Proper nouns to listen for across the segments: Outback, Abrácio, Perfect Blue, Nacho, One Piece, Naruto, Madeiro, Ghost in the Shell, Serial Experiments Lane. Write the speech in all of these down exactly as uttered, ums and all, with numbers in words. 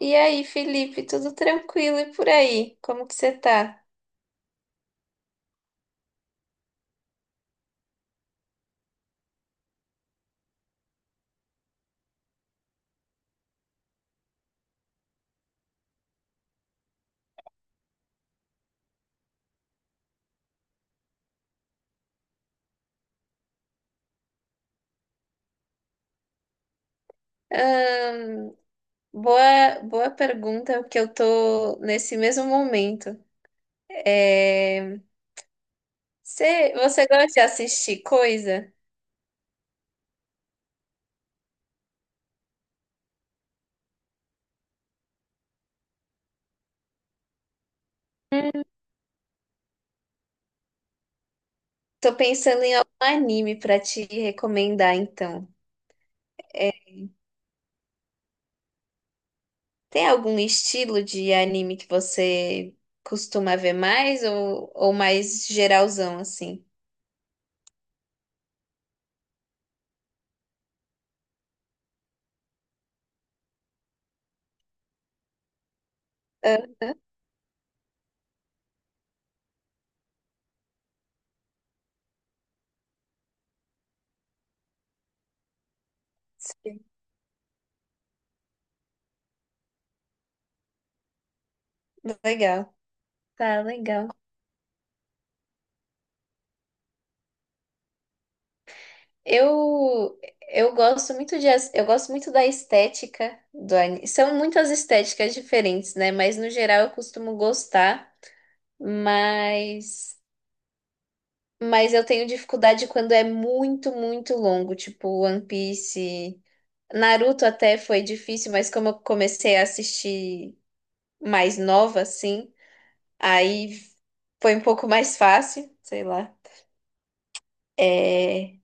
E aí, Felipe, tudo tranquilo e por aí? Como que você tá? Ahn, boa, boa pergunta, porque eu tô nesse mesmo momento. É, Você, você gosta de assistir coisa? Tô pensando em algum anime pra te recomendar, então. É, Tem algum estilo de anime que você costuma ver mais ou, ou mais geralzão, assim? Ah, sim. Legal. Tá, legal. Eu, eu gosto muito de, as- eu gosto muito da estética do anime. São muitas estéticas diferentes, né? Mas no geral eu costumo gostar, mas mas eu tenho dificuldade quando é muito, muito longo, tipo One Piece. Naruto até foi difícil, mas como eu comecei a assistir mais nova, assim, aí foi um pouco mais fácil, sei lá. É...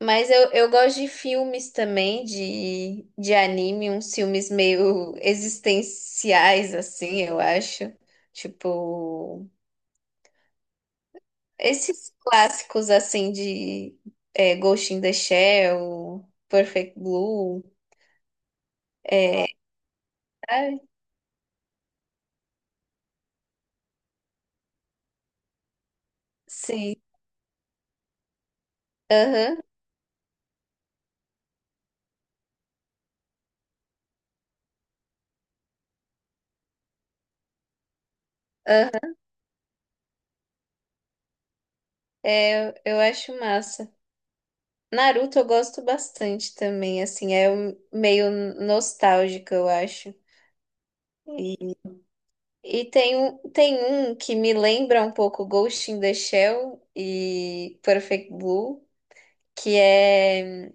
Mas eu, eu gosto de filmes também, de, de anime, uns filmes meio existenciais, assim, eu acho. Tipo, esses clássicos, assim, de é, Ghost in the Shell, Perfect Blue. É, ai, sim, aham, aham. É, eu, eu acho massa. Naruto eu gosto bastante também, assim, é um- meio nostálgico, eu acho. E tem um, tem um que me lembra um pouco Ghost in the Shell e Perfect Blue, que é,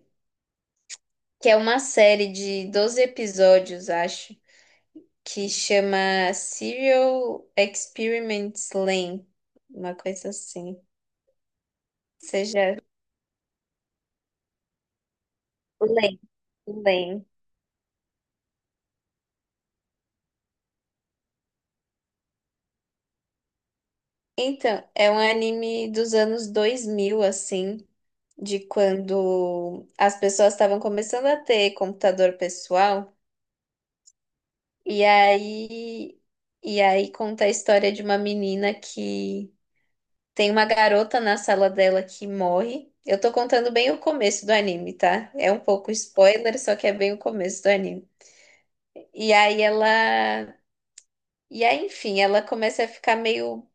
que é uma série de doze episódios, acho, que chama Serial Experiments Lane, uma coisa assim. Seja Lane, Lane. Então, é um anime dos anos dois mil assim, de quando as pessoas estavam começando a ter computador pessoal. E aí, e aí conta a história de uma menina que tem uma garota na sala dela que morre. Eu tô contando bem o começo do anime, tá? É um pouco spoiler, só que é bem o começo do anime. E aí ela, e aí, enfim, ela começa a ficar meio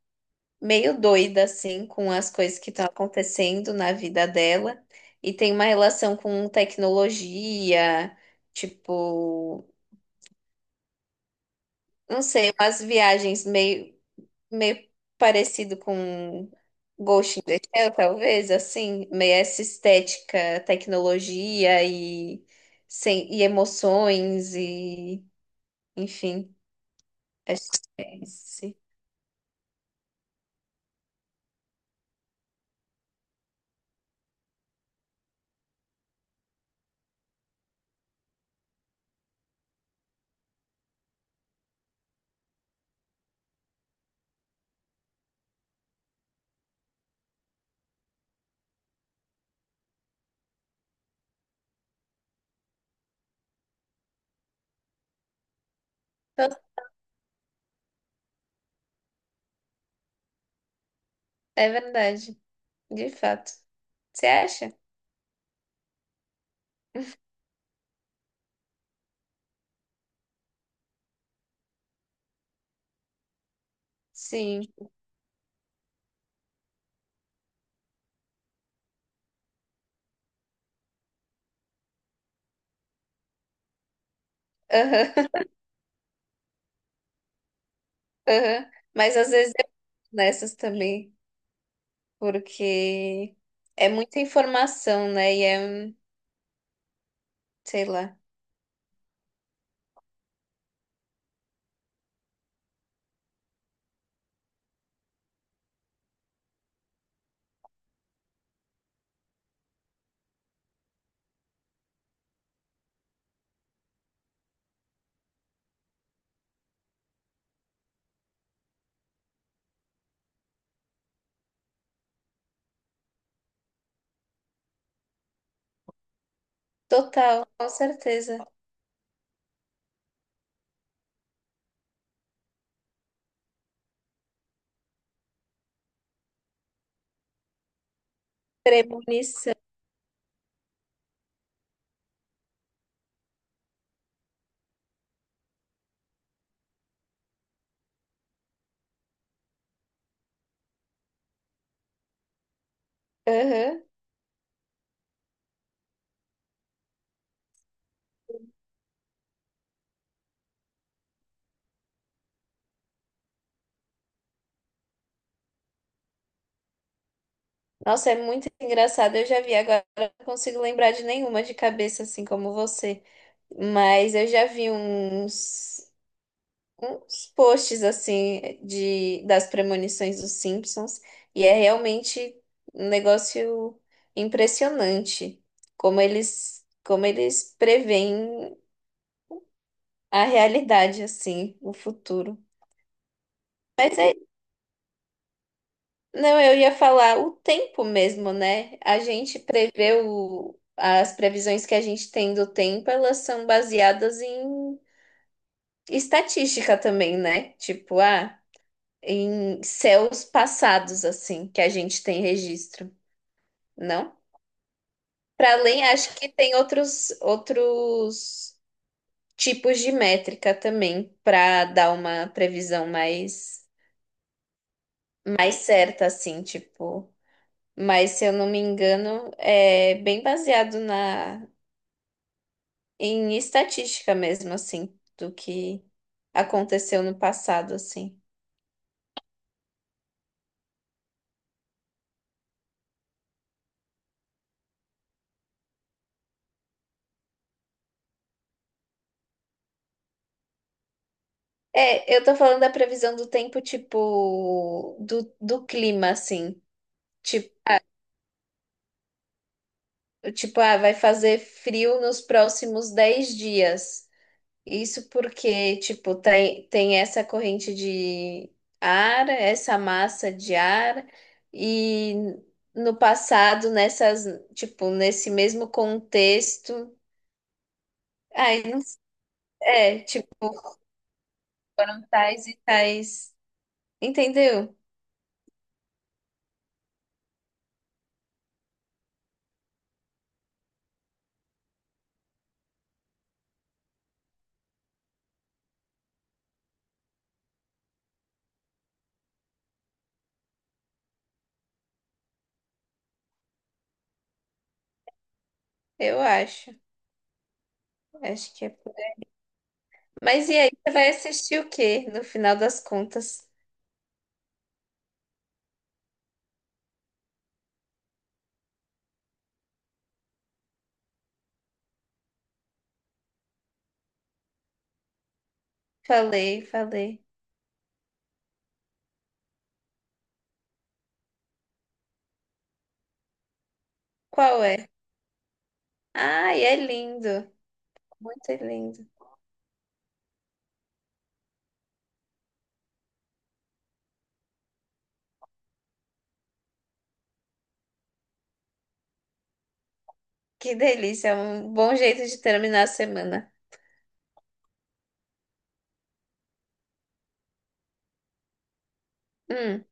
meio doida assim com as coisas que estão acontecendo na vida dela e tem uma relação com tecnologia, tipo, não sei, umas viagens meio meio parecido com Ghost in the Shell, talvez, assim, meio essa estética, tecnologia e, sem, e emoções e, enfim, acho que é esse. Então, é verdade, de fato. Você acha? Sim. Aham, aham. Mas às vezes eu nessas também, porque é muita informação, né? E é, sei lá, total, com certeza. Premonição. Aham. Nossa, é muito engraçado. Eu já vi, agora eu não consigo lembrar de nenhuma de cabeça, assim como você. Mas eu já vi uns, uns posts, assim, de, das premonições dos Simpsons. E é realmente um negócio impressionante. Como eles, como eles preveem a realidade, assim, o futuro. Mas é Não, eu ia falar o tempo mesmo, né? A gente prevê o... as previsões que a gente tem do tempo, elas são baseadas em estatística também, né? Tipo, ah, em céus passados, assim, que a gente tem registro, não? Para além, acho que tem outros outros tipos de métrica também para dar uma previsão mais mais certa, assim, tipo. Mas, se eu não me engano, é bem baseado na em estatística mesmo, assim, do que aconteceu no passado, assim. É, eu tô falando da previsão do tempo, tipo, do, do clima, assim. Tipo, tipo, ah, vai fazer frio nos próximos dez dias. Isso porque, tipo, tem, tem essa corrente de ar, essa massa de ar, e no passado, nessas, tipo, nesse mesmo contexto, ai, não s- é, tipo, foram tais e tais, entendeu? Eu acho, acho que é. Por Mas e aí, você vai assistir o quê, no final das contas? Falei, falei. Qual é? Ai, é lindo, muito lindo. Que delícia, é um bom jeito de terminar a semana. Hum,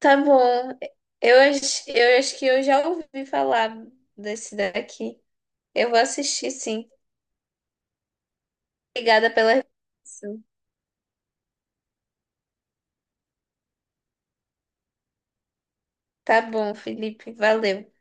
tá bom. Eu acho, eu acho que eu já ouvi falar desse daqui. Eu vou assistir, sim. Obrigada pela recomendação. Tá bom, Felipe, valeu.